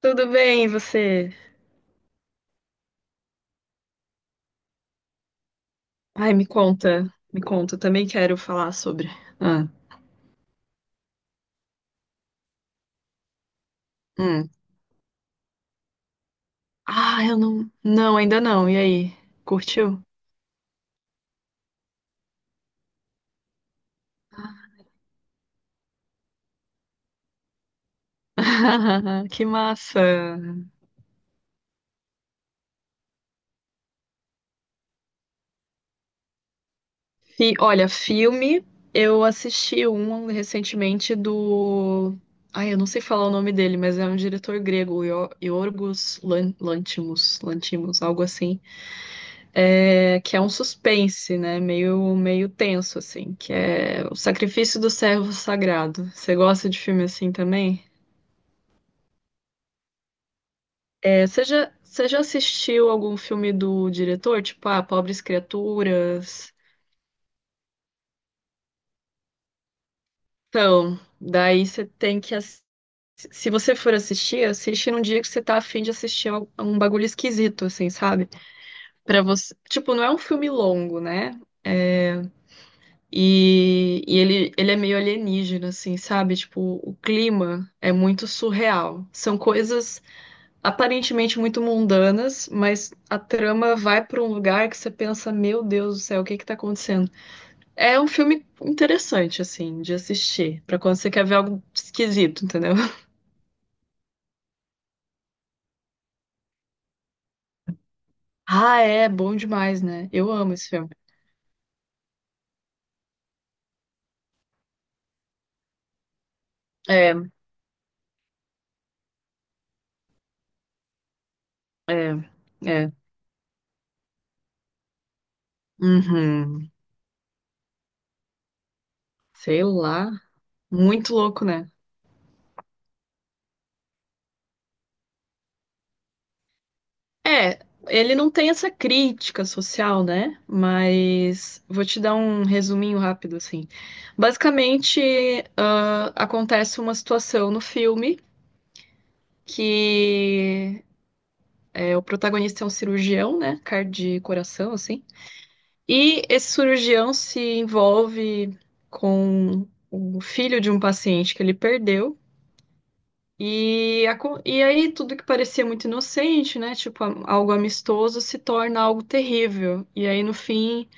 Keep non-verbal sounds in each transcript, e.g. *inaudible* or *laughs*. Tudo bem, e você? Ai, me conta, eu também quero falar sobre. Ah, hum. Ah, eu não. Não, ainda não. E aí? Curtiu? *laughs* Que massa! Olha, filme, eu assisti um recentemente do. Ai, eu não sei falar o nome dele, mas é um diretor grego, Yorgos Lanthimos, Lanthimos, algo assim. É, que é um suspense, né? Meio tenso, assim, que é O Sacrifício do Servo Sagrado. Você gosta de filme assim também? É, você já assistiu algum filme do diretor? Tipo, ah, Pobres Criaturas? Então, daí você tem que... Se você for assistir, assiste num dia que você tá afim de assistir um bagulho esquisito, assim, sabe? Pra você... Tipo, não é um filme longo, né? E, ele é meio alienígena, assim, sabe? Tipo, o clima é muito surreal. São coisas aparentemente muito mundanas, mas a trama vai para um lugar que você pensa, meu Deus do céu, o que que tá acontecendo? É um filme interessante, assim, de assistir, para quando você quer ver algo esquisito, entendeu? *laughs* Ah, é, bom demais, né? Eu amo esse filme. É, é, é. Uhum. Sei lá. Muito louco, né? É, ele não tem essa crítica social, né? Mas vou te dar um resuminho rápido, assim. Basicamente, acontece uma situação no filme que é, o protagonista é um cirurgião, né? Cardio e coração, assim. E esse cirurgião se envolve com o filho de um paciente que ele perdeu. E, e aí tudo que parecia muito inocente, né? Tipo, algo amistoso se torna algo terrível. E aí, no fim,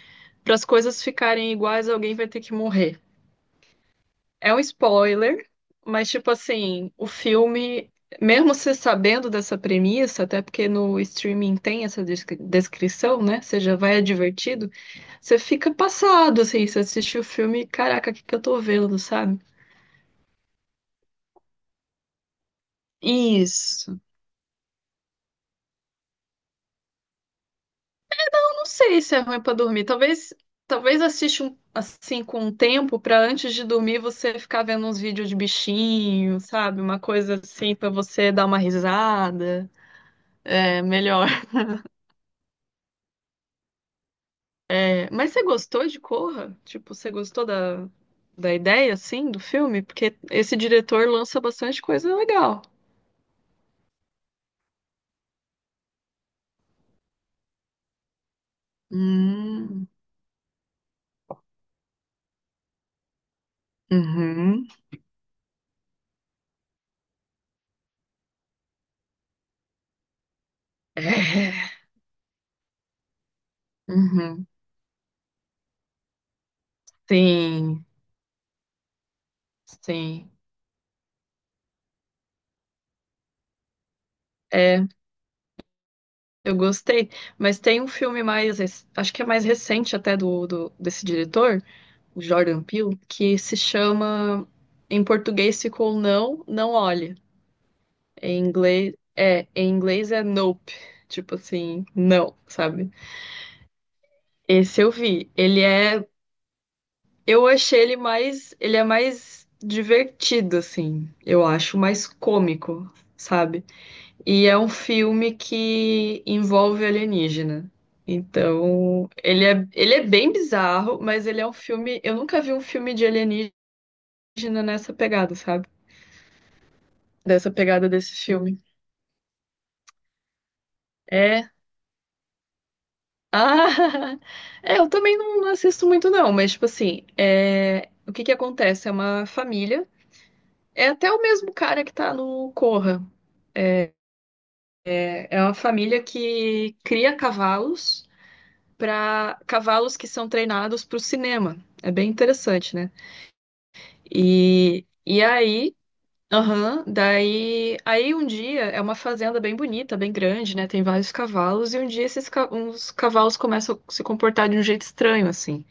para as coisas ficarem iguais, alguém vai ter que morrer. É um spoiler, mas tipo assim, o filme, mesmo você sabendo dessa premissa, até porque no streaming tem essa descrição, né? Você já vai advertido, você fica passado, assim, você assiste o filme, caraca, o que que eu tô vendo, sabe? Isso. Não sei se é ruim pra dormir. Talvez, talvez assiste um, assim com um tempo pra antes de dormir você ficar vendo uns vídeos de bichinho, sabe? Uma coisa assim pra você dar uma risada. É melhor. É, mas você gostou de Corra? Tipo, você gostou da, da ideia assim do filme? Porque esse diretor lança bastante coisa legal. Hum, uhum. É. Uhum. Sim, sim. É, eu gostei, mas tem um filme mais, acho que é mais recente até do, do- desse diretor, o Jordan Peele, que se chama, em português ficou Não, Não Olhe. Em inglês é Nope, tipo assim, não, sabe? Esse eu vi. Eu achei ele mais, ele é mais divertido assim, eu acho, mais cômico, sabe? E é um filme que envolve alienígena. Então, ele é bem bizarro, mas ele é um filme. Eu nunca vi um filme de alienígena nessa pegada, sabe? Dessa pegada desse filme. É. Ah! *laughs* É, eu também não assisto muito, não, mas, tipo assim, é... o que que acontece? É uma família. É até o mesmo cara que tá no Corra. É, é uma família que cria cavalos. Para cavalos que são treinados para o cinema. É bem interessante, né? E aí, aham, daí, aí um dia é uma fazenda bem bonita, bem grande, né? Tem vários cavalos e um dia esses uns cavalos começam a se comportar de um jeito estranho assim.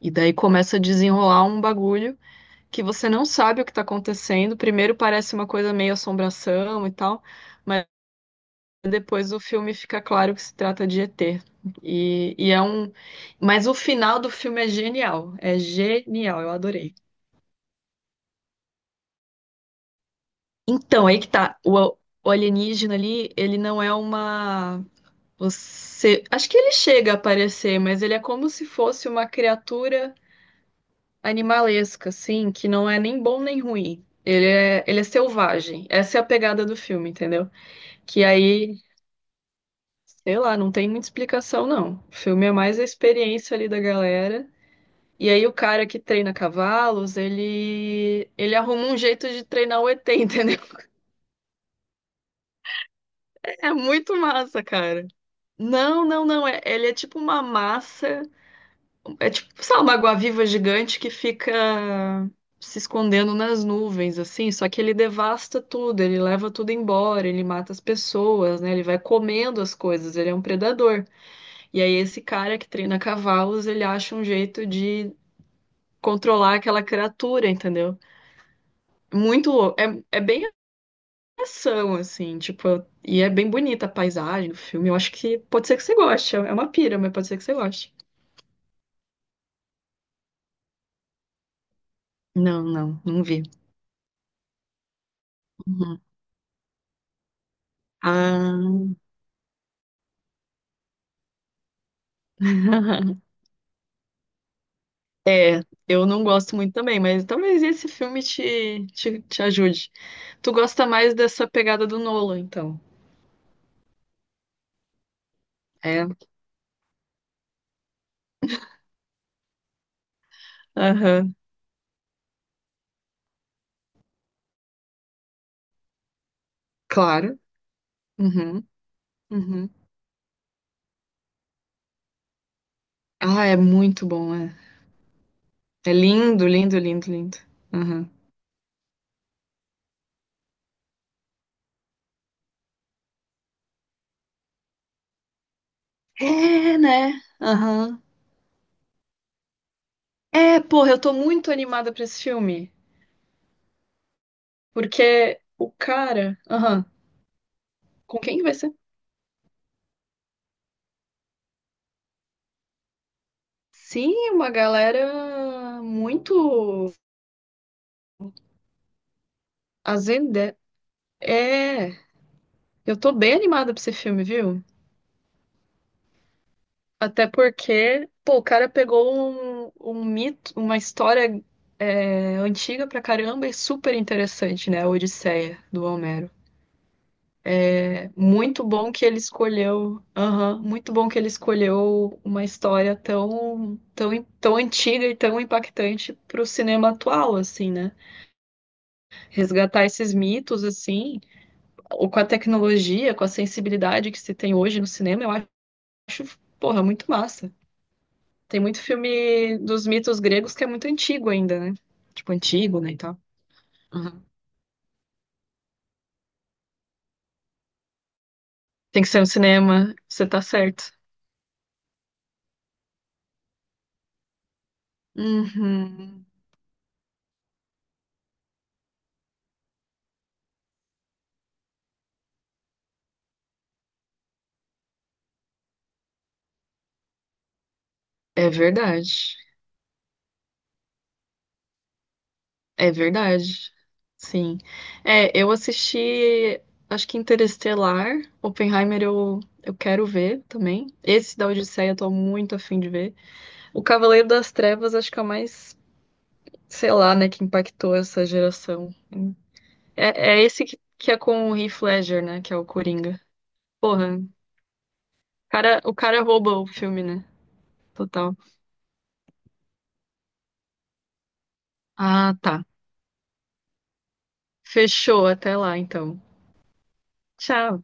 E daí começa a desenrolar um bagulho que você não sabe o que está acontecendo. Primeiro parece uma coisa meio assombração e tal. Mas depois o filme fica claro que se trata de ET. E é um. Mas o final do filme é genial. É genial, eu adorei. Então, aí que tá. O alienígena ali, ele não é uma. Você. Acho que ele chega a aparecer, mas ele é como se fosse uma criatura animalesca, assim, que não é nem bom nem ruim. Ele é selvagem. Essa é a pegada do filme, entendeu? Que aí, sei lá, não tem muita explicação, não. O filme é mais a experiência ali da galera. E aí o cara que treina cavalos, ele arruma um jeito de treinar o ET, entendeu? *laughs* É muito massa, cara. Não, não, não. É, ele é tipo uma massa. É tipo, sabe, uma água-viva gigante que fica se escondendo nas nuvens, assim. Só que ele devasta tudo, ele leva tudo embora, ele mata as pessoas, né? Ele vai comendo as coisas, ele é um predador. E aí esse cara que treina cavalos, ele acha um jeito de controlar aquela criatura, entendeu? Muito louco. É, é bem ação, assim, e é bem bonita a paisagem do filme. Eu acho que pode ser que você goste. É uma pira, mas pode ser que você goste. Não, não, não vi. Uhum. Ah, *laughs* eu não gosto muito também, mas talvez esse filme te ajude. Tu gosta mais dessa pegada do Nolan, então. É, aham, claro. Uhum, uhum. Ah, é muito bom, é. É lindo, lindo, lindo, lindo. Aham. É, né? Aham. É, porra, eu tô muito animada pra esse filme. Porque o cara. Aham. Com quem que vai ser? Sim, uma galera muito azende. É. Eu tô bem animada pra esse filme, viu? Até porque, pô, o cara pegou um mito, uma história é, antiga pra caramba e super interessante, né? A Odisseia do Homero. Muito bom que ele escolheu, aham, muito bom que ele escolheu uma história tão antiga e tão impactante para o cinema atual, assim, né? Resgatar esses mitos, assim, ou com a tecnologia, com a sensibilidade que se tem hoje no cinema, eu acho, porra, muito massa. Tem muito filme dos mitos gregos que é muito antigo ainda, né? Tipo, antigo, né, e tal. Aham. Tem que ser no cinema, você tá certo. Uhum. É verdade. É verdade. Sim. É, eu assisti, acho que Interestelar, Oppenheimer eu quero ver também. Esse da Odisseia eu tô muito afim de ver. O Cavaleiro das Trevas acho que é o mais, sei lá, né, que impactou essa geração. É, é esse que é com o Heath Ledger, né, que é o Coringa. Porra, o cara rouba o filme, né? Total. Ah, tá. Fechou, até lá então. Tchau.